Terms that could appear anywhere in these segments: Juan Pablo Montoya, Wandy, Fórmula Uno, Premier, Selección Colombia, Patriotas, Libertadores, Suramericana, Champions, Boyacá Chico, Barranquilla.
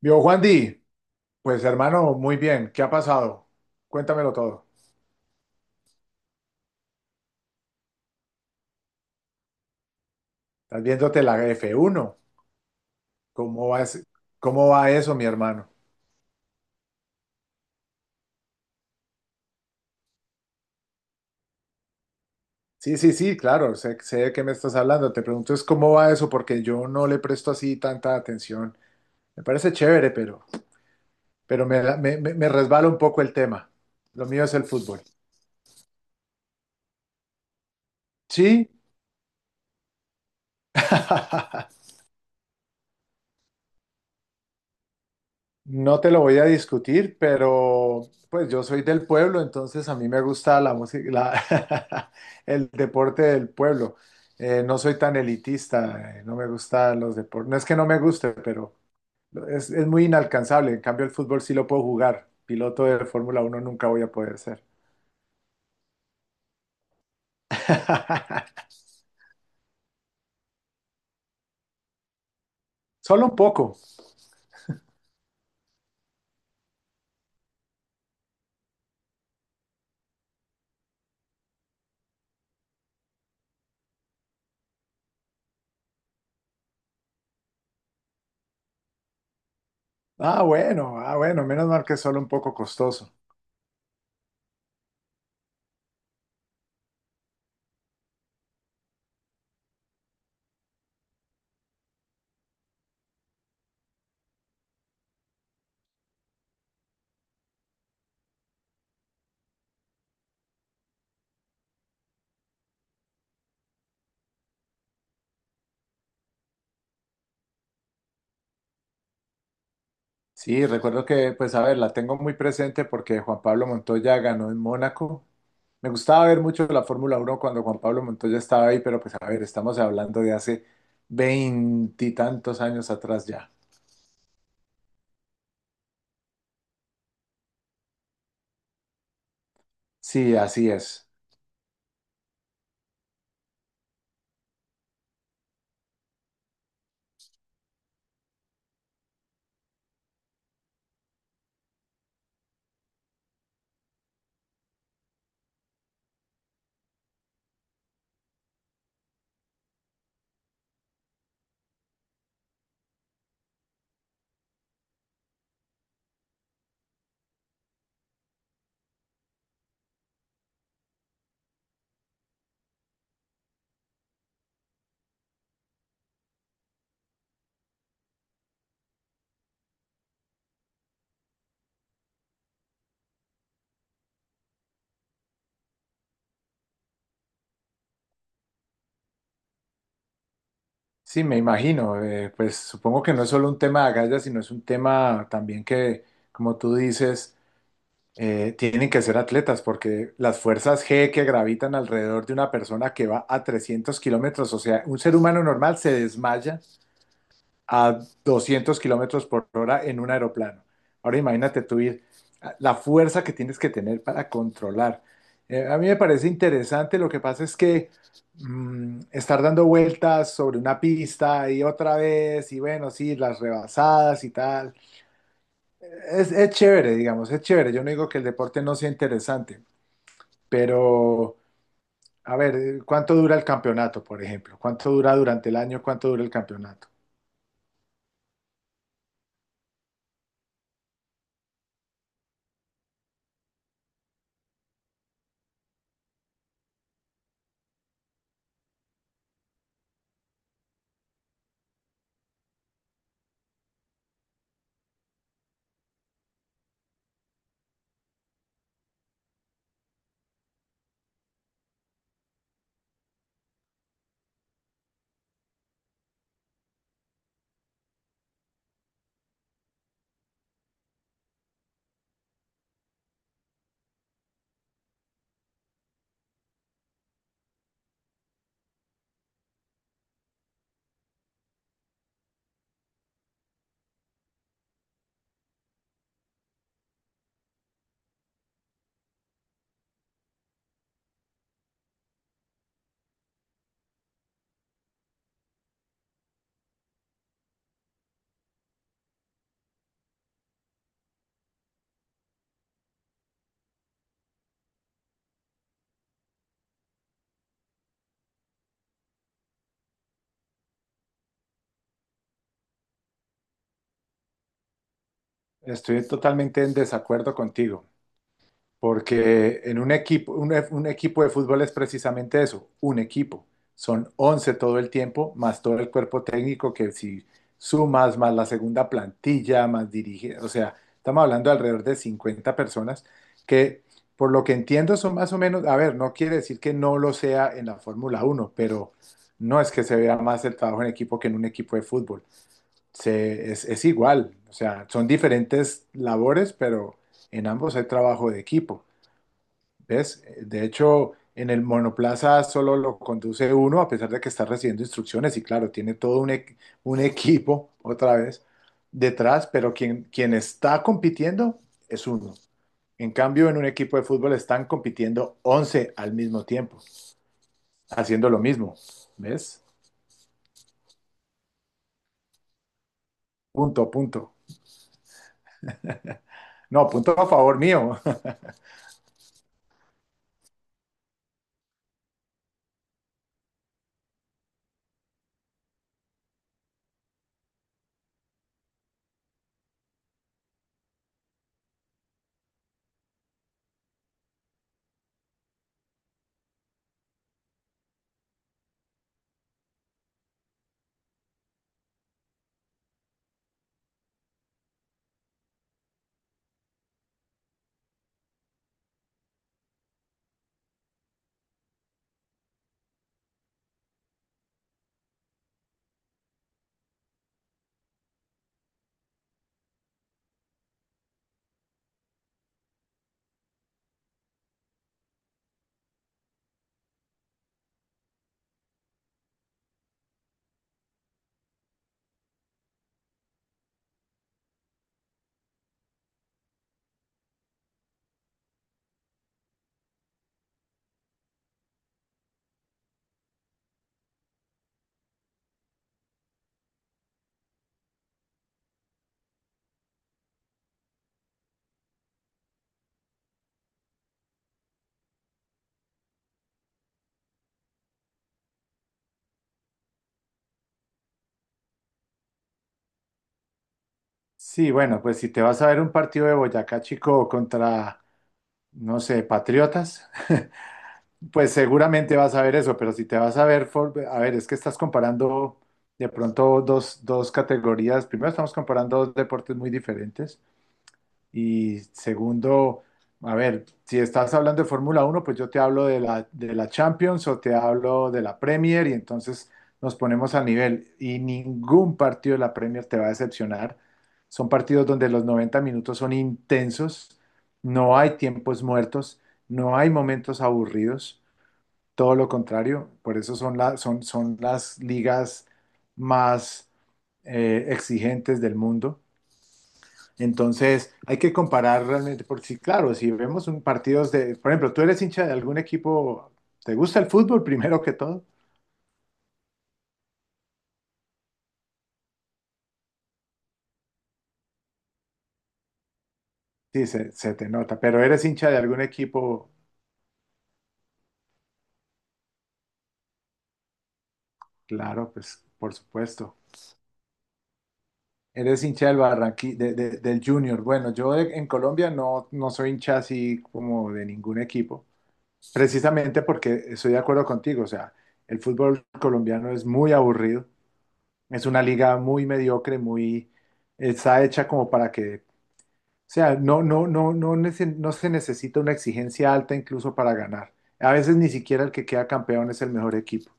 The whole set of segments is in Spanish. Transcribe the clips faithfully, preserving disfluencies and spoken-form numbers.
Vio Juan Di, pues hermano, muy bien, ¿qué ha pasado? Cuéntamelo todo. Estás viéndote la f uno. ¿Cómo va, ese- cómo va eso, mi hermano? Sí, sí, sí, claro, sé, sé de qué me estás hablando. Te pregunto es cómo va eso, porque yo no le presto así tanta atención. Me parece chévere, pero, pero me, me, me me resbala un poco el tema. Lo mío es el fútbol. Sí. No te lo voy a discutir, pero pues yo soy del pueblo, entonces a mí me gusta la música, la- el deporte del pueblo. Eh, no soy tan elitista, eh, no me gustan los deportes. No es que no me guste, pero es, es muy inalcanzable. En cambio, el fútbol sí lo puedo jugar. Piloto de Fórmula uno nunca voy a poder ser. Solo un poco. Ah, bueno, ah, bueno, menos mal que es solo un poco costoso. Sí, recuerdo que, pues a ver, la tengo muy presente porque Juan Pablo Montoya ganó en Mónaco. Me gustaba ver mucho la Fórmula Uno cuando Juan Pablo Montoya estaba ahí, pero pues a ver, estamos hablando de hace veintitantos años atrás ya. Sí, así es. Sí, me imagino. Eh, pues supongo que no es solo un tema de agallas, sino es un tema también que, como tú dices, eh, tienen que ser atletas, porque las fuerzas G que gravitan alrededor de una persona que va a trescientos kilómetros, o sea, un ser humano normal se desmaya a doscientos kilómetros por hora en un aeroplano. Ahora imagínate tú ir, ah, la fuerza que tienes que tener para controlar. Eh, a mí me parece interesante, lo que pasa es que mm, estar dando vueltas sobre una pista y otra vez, y bueno, sí, las rebasadas y tal, eh, es, es chévere, digamos, es chévere. Yo no digo que el deporte no sea interesante, pero. A ver, ¿cuánto dura el campeonato, por ejemplo? ¿Cuánto dura durante el año? ¿Cuánto dura el campeonato? Estoy totalmente en desacuerdo contigo. Porque en un equipo, un, e- un equipo de fútbol es precisamente eso, un equipo. Son once todo el tiempo, más todo el cuerpo técnico que si sumas, más la segunda plantilla, más dirige, o sea, estamos hablando de alrededor de cincuenta personas que, por lo que entiendo, son más o menos, a ver, no quiere decir que no lo sea en la Fórmula Uno, pero no es que se vea más el trabajo en equipo que en un equipo de fútbol. Se- es, es igual, o sea, son diferentes labores, pero en ambos hay trabajo de equipo. ¿Ves? De hecho, en el monoplaza solo lo conduce uno, a pesar de que está recibiendo instrucciones, y claro, tiene todo un, e- un equipo, otra vez, detrás, pero quien, quien está compitiendo es uno. En cambio, en un equipo de fútbol están compitiendo once al mismo tiempo, haciendo lo mismo, ¿ves? Punto, punto. No, punto a favor mío. Sí, bueno, pues si te vas a ver un partido de Boyacá Chico contra, no sé, Patriotas, pues seguramente vas a ver eso, pero si te vas a ver, for- a ver, es que estás comparando de pronto dos, dos categorías. Primero, estamos comparando dos deportes muy diferentes. Y segundo, a ver, si estás hablando de Fórmula uno, pues yo te hablo de la, de la Champions o te hablo de la Premier y entonces nos ponemos a nivel. Y ningún partido de la Premier te va a decepcionar. Son partidos donde los noventa minutos son intensos, no hay tiempos muertos, no hay momentos aburridos. Todo lo contrario, por eso son, la- son, son las ligas más eh, exigentes del mundo. Entonces, hay que comparar realmente, porque sí, claro, si vemos un partidos de, por ejemplo, tú eres hincha de algún equipo, ¿te gusta el fútbol primero que todo? Sí, se, se te nota, pero eres hincha de algún equipo, claro, pues por supuesto. Eres hincha del Barranqui, de- de- del Junior. Bueno, yo de- en Colombia no, no soy hincha así como de ningún equipo. Precisamente porque estoy de acuerdo contigo, o sea, el fútbol colombiano es muy aburrido, es una liga muy mediocre, muy está hecha como para que, o sea, no, no, no, no, nece- no se necesita una exigencia alta incluso para ganar. A veces ni siquiera el que queda campeón es el mejor equipo,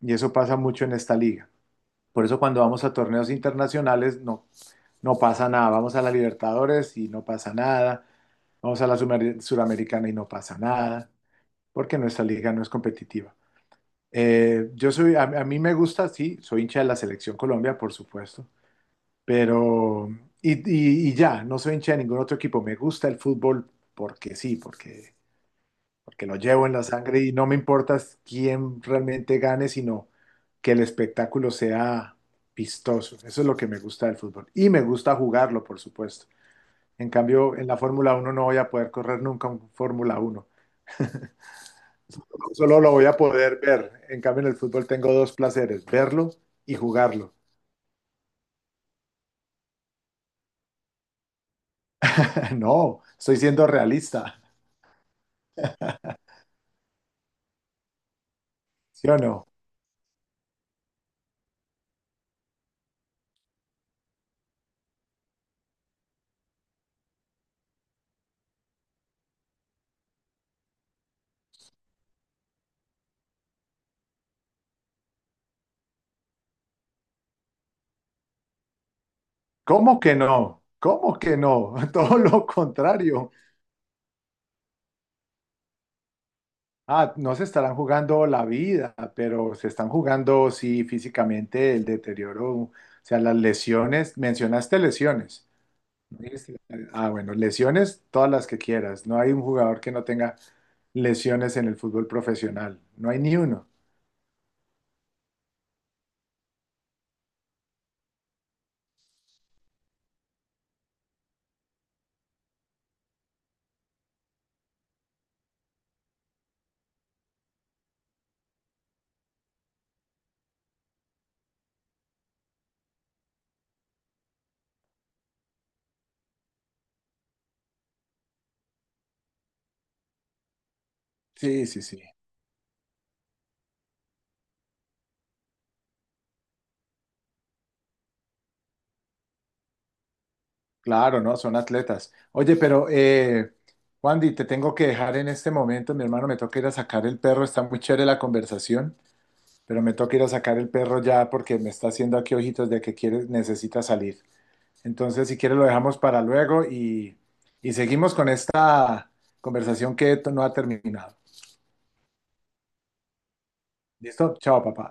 y eso pasa mucho en esta liga. Por eso cuando vamos a torneos internacionales no, no pasa nada, vamos a la Libertadores y no pasa nada, vamos a la Sumer- Suramericana y no pasa nada, porque nuestra liga no es competitiva. Eh, yo soy, a, a mí me gusta, sí, soy hincha de la Selección Colombia, por supuesto, pero, y, y- y ya, no soy hincha de ningún otro equipo, me gusta el fútbol porque sí, porque, porque lo llevo en la sangre y no me importa quién realmente gane, sino que el espectáculo sea vistoso, eso es lo que me gusta del fútbol, y me gusta jugarlo, por supuesto. En cambio, en la Fórmula Uno no voy a poder correr nunca un Fórmula Uno, solo lo voy a poder ver, en cambio en el fútbol tengo dos placeres, verlo y jugarlo. No, estoy siendo realista, ¿sí o no? ¿Cómo que no? ¿Cómo que no? Todo lo contrario. Ah, no se estarán jugando la vida, pero se están jugando, sí, físicamente el deterioro, o sea, las lesiones. Mencionaste lesiones. ¿No dijiste? Ah, bueno, lesiones todas las que quieras. No hay un jugador que no tenga lesiones en el fútbol profesional. No hay ni uno. Sí, sí, sí. Claro, ¿no? Son atletas. Oye, pero, eh, Wandy, te tengo que dejar en este momento. Mi hermano, me toca ir a sacar el perro. Está muy chévere la conversación, pero me toca ir a sacar el perro ya porque me está haciendo aquí ojitos de que quiere, necesita salir. Entonces, si quieres, lo dejamos para luego y, y seguimos con esta conversación que no ha terminado. ¿Listo? Chao, papá.